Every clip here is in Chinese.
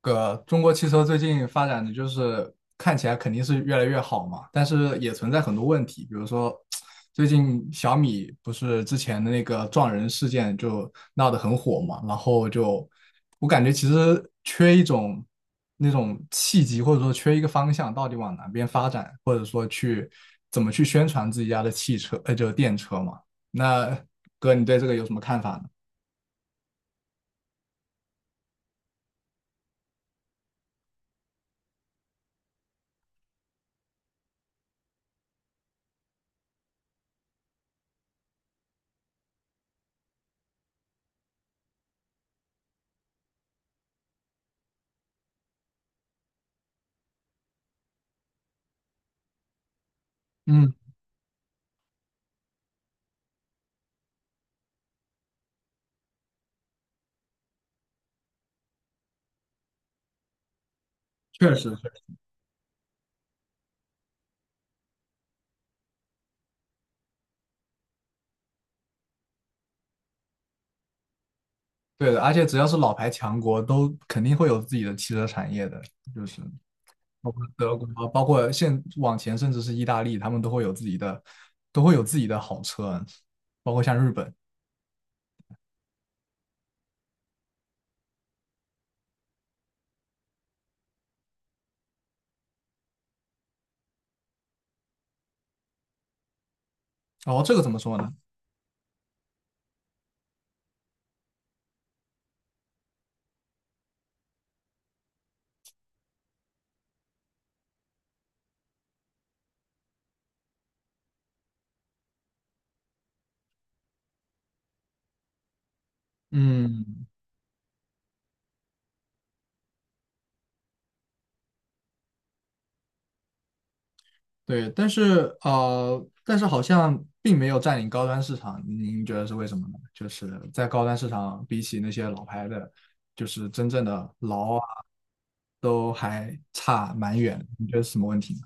哥，中国汽车最近发展的就是看起来肯定是越来越好嘛，但是也存在很多问题，比如说最近小米不是之前的那个撞人事件就闹得很火嘛，然后就我感觉其实缺一种那种契机，或者说缺一个方向，到底往哪边发展，或者说去怎么去宣传自己家的汽车，就是电车嘛。那哥，你对这个有什么看法呢？嗯，确实。对的，而且只要是老牌强国，都肯定会有自己的汽车产业的，就是德国啊，包括现往前甚至是意大利，他们都会有自己的好车，包括像日本。然后这个怎么说呢？嗯，对，但是好像并没有占领高端市场，您觉得是为什么呢？就是在高端市场，比起那些老牌的，就是真正的劳啊，都还差蛮远。你觉得是什么问题呢？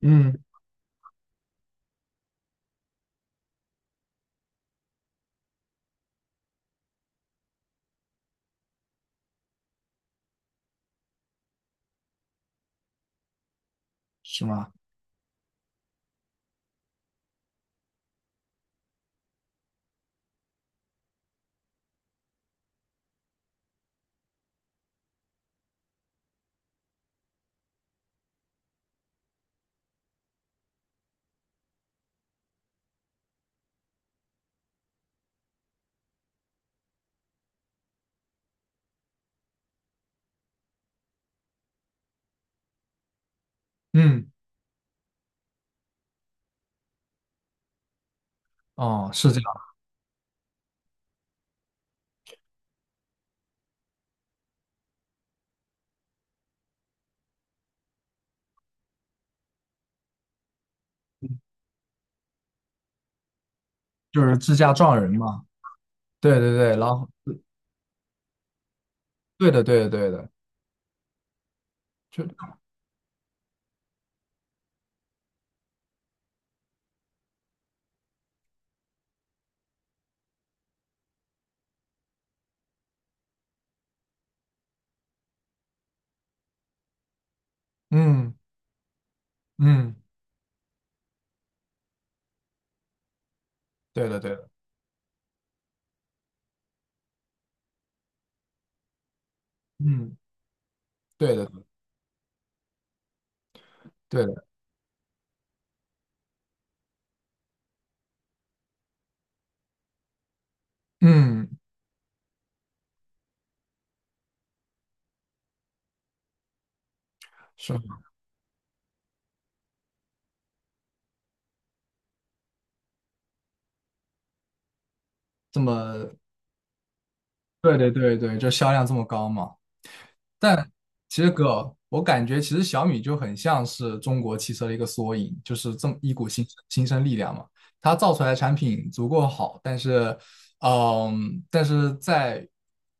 嗯，是吗？嗯。哦，是这样，就是自驾撞人嘛。对对对，然后对的对的对的。就，嗯嗯。对的对的，嗯，对的对的，嗯，是这么。对对对对，就销量这么高嘛。但其实哥，我感觉其实小米就很像是中国汽车的一个缩影，就是这么一股新生力量嘛。它造出来的产品足够好，但是，但是在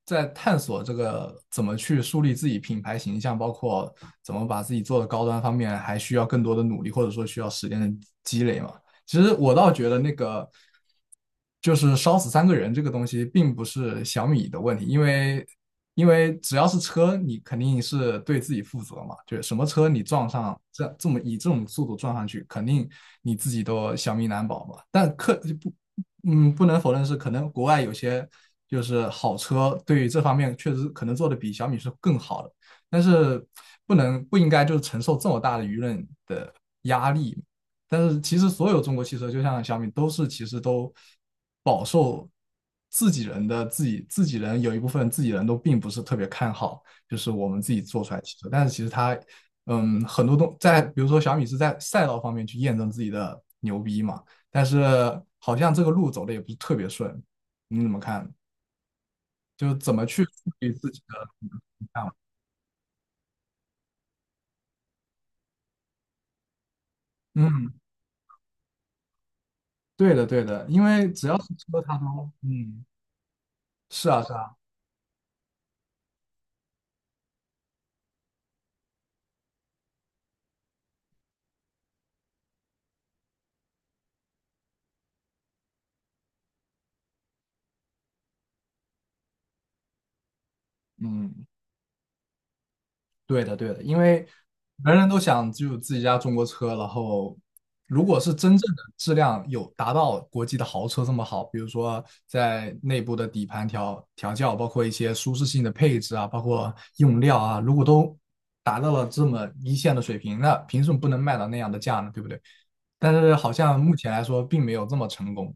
在探索这个怎么去树立自己品牌形象，包括怎么把自己做的高端方面，还需要更多的努力，或者说需要时间的积累嘛。其实我倒觉得那个就是烧死三个人这个东西，并不是小米的问题，因为只要是车，你肯定是对自己负责嘛，就是什么车你撞上这么以这种速度撞上去，肯定你自己都小命难保嘛。但可不，嗯，不能否认是可能国外有些就是好车对于这方面确实可能做的比小米是更好的，但是不能不应该就是承受这么大的舆论的压力。但是其实所有中国汽车，就像小米，都是其实都饱受自己人的自己人有一部分自己人都并不是特别看好，就是我们自己做出来的汽车。但是其实它，嗯，很多东在，比如说小米是在赛道方面去验证自己的牛逼嘛，但是好像这个路走的也不是特别顺，你怎么看？就怎么去树立自己的看法。嗯，对的，对的，因为只要是车，它都嗯，是啊，是啊，嗯。对的，对的，因为人人都想只有自己家中国车，然后如果是真正的质量有达到国际的豪车这么好，比如说在内部的底盘调教，包括一些舒适性的配置啊，包括用料啊，如果都达到了这么一线的水平，那凭什么不能卖到那样的价呢？对不对？但是好像目前来说并没有这么成功。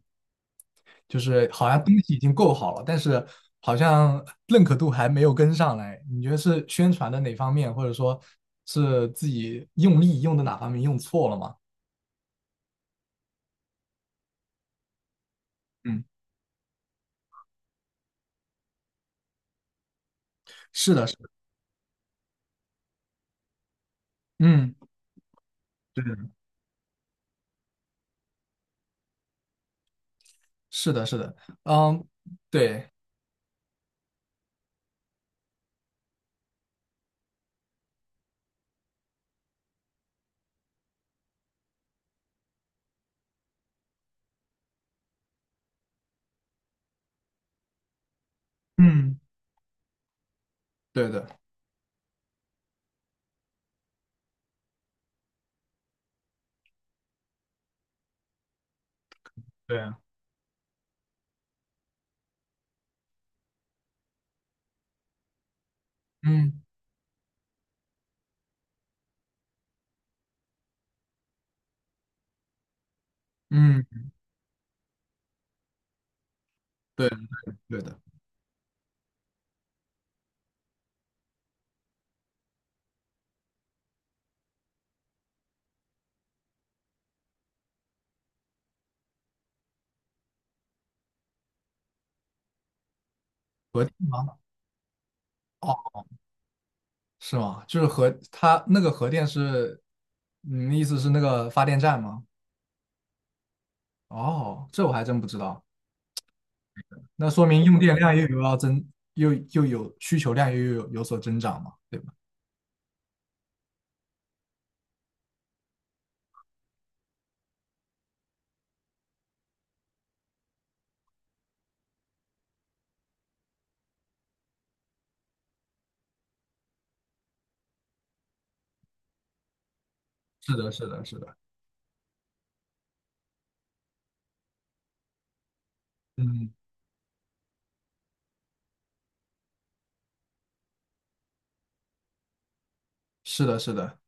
就是好像东西已经够好了，但是好像认可度还没有跟上来。你觉得是宣传的哪方面，或者说是自己用力用的哪方面用错了吗？嗯，是的，是的，嗯，对的，是的，是的，嗯，对，嗯，对的，对啊，嗯嗯，对，对的，核电吗？哦，是吗？就是核，它那个核电是，你的意思是那个发电站吗？哦，这我还真不知道。那说明用电量又有要增，又有需求量又有所增长嘛，对吧？是的，是的，是的，嗯，是的，是的。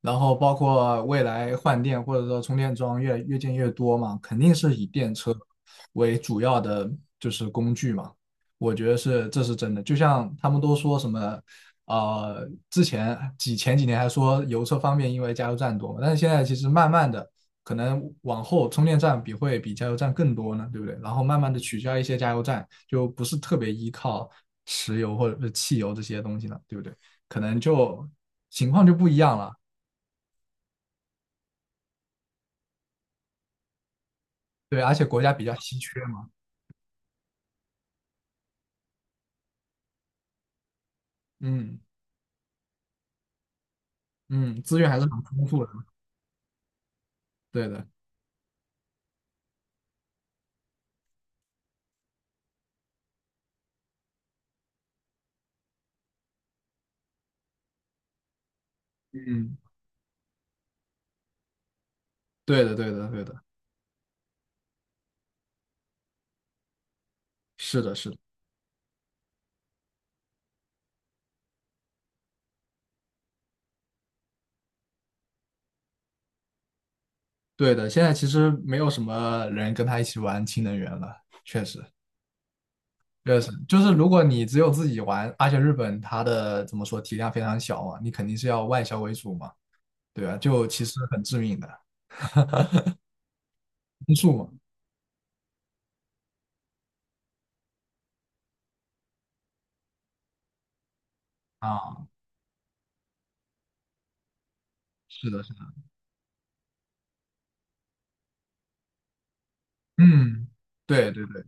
然后包括未来换电或者说充电桩越建越多嘛，肯定是以电车为主要的就是工具嘛。我觉得是这是真的，就像他们都说什么，之前前几年还说油车方便，因为加油站多嘛，但是现在其实慢慢的可能往后充电站会比加油站更多呢，对不对？然后慢慢的取消一些加油站，就不是特别依靠石油或者是汽油这些东西了，对不对？可能就情况就不一样了。对，而且国家比较稀缺嘛，嗯嗯，资源还是很丰富的，对的，嗯，对的，对的，对的，是的，是的，对的。现在其实没有什么人跟他一起玩氢能源了，确实，确实，就是如果你只有自己玩，而且日本它的怎么说体量非常小嘛，你肯定是要外销为主嘛，对吧？就其实很致命的因素嘛，啊，是的，是的，嗯，对对对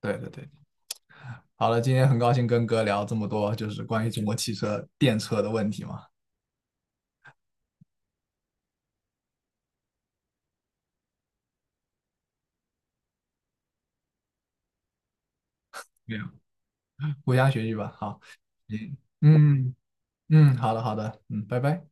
对对对。好了，今天很高兴跟哥聊这么多，就是关于中国汽车电车的问题嘛。对国家学习吧。好，嗯嗯嗯，好的好的，嗯，拜拜。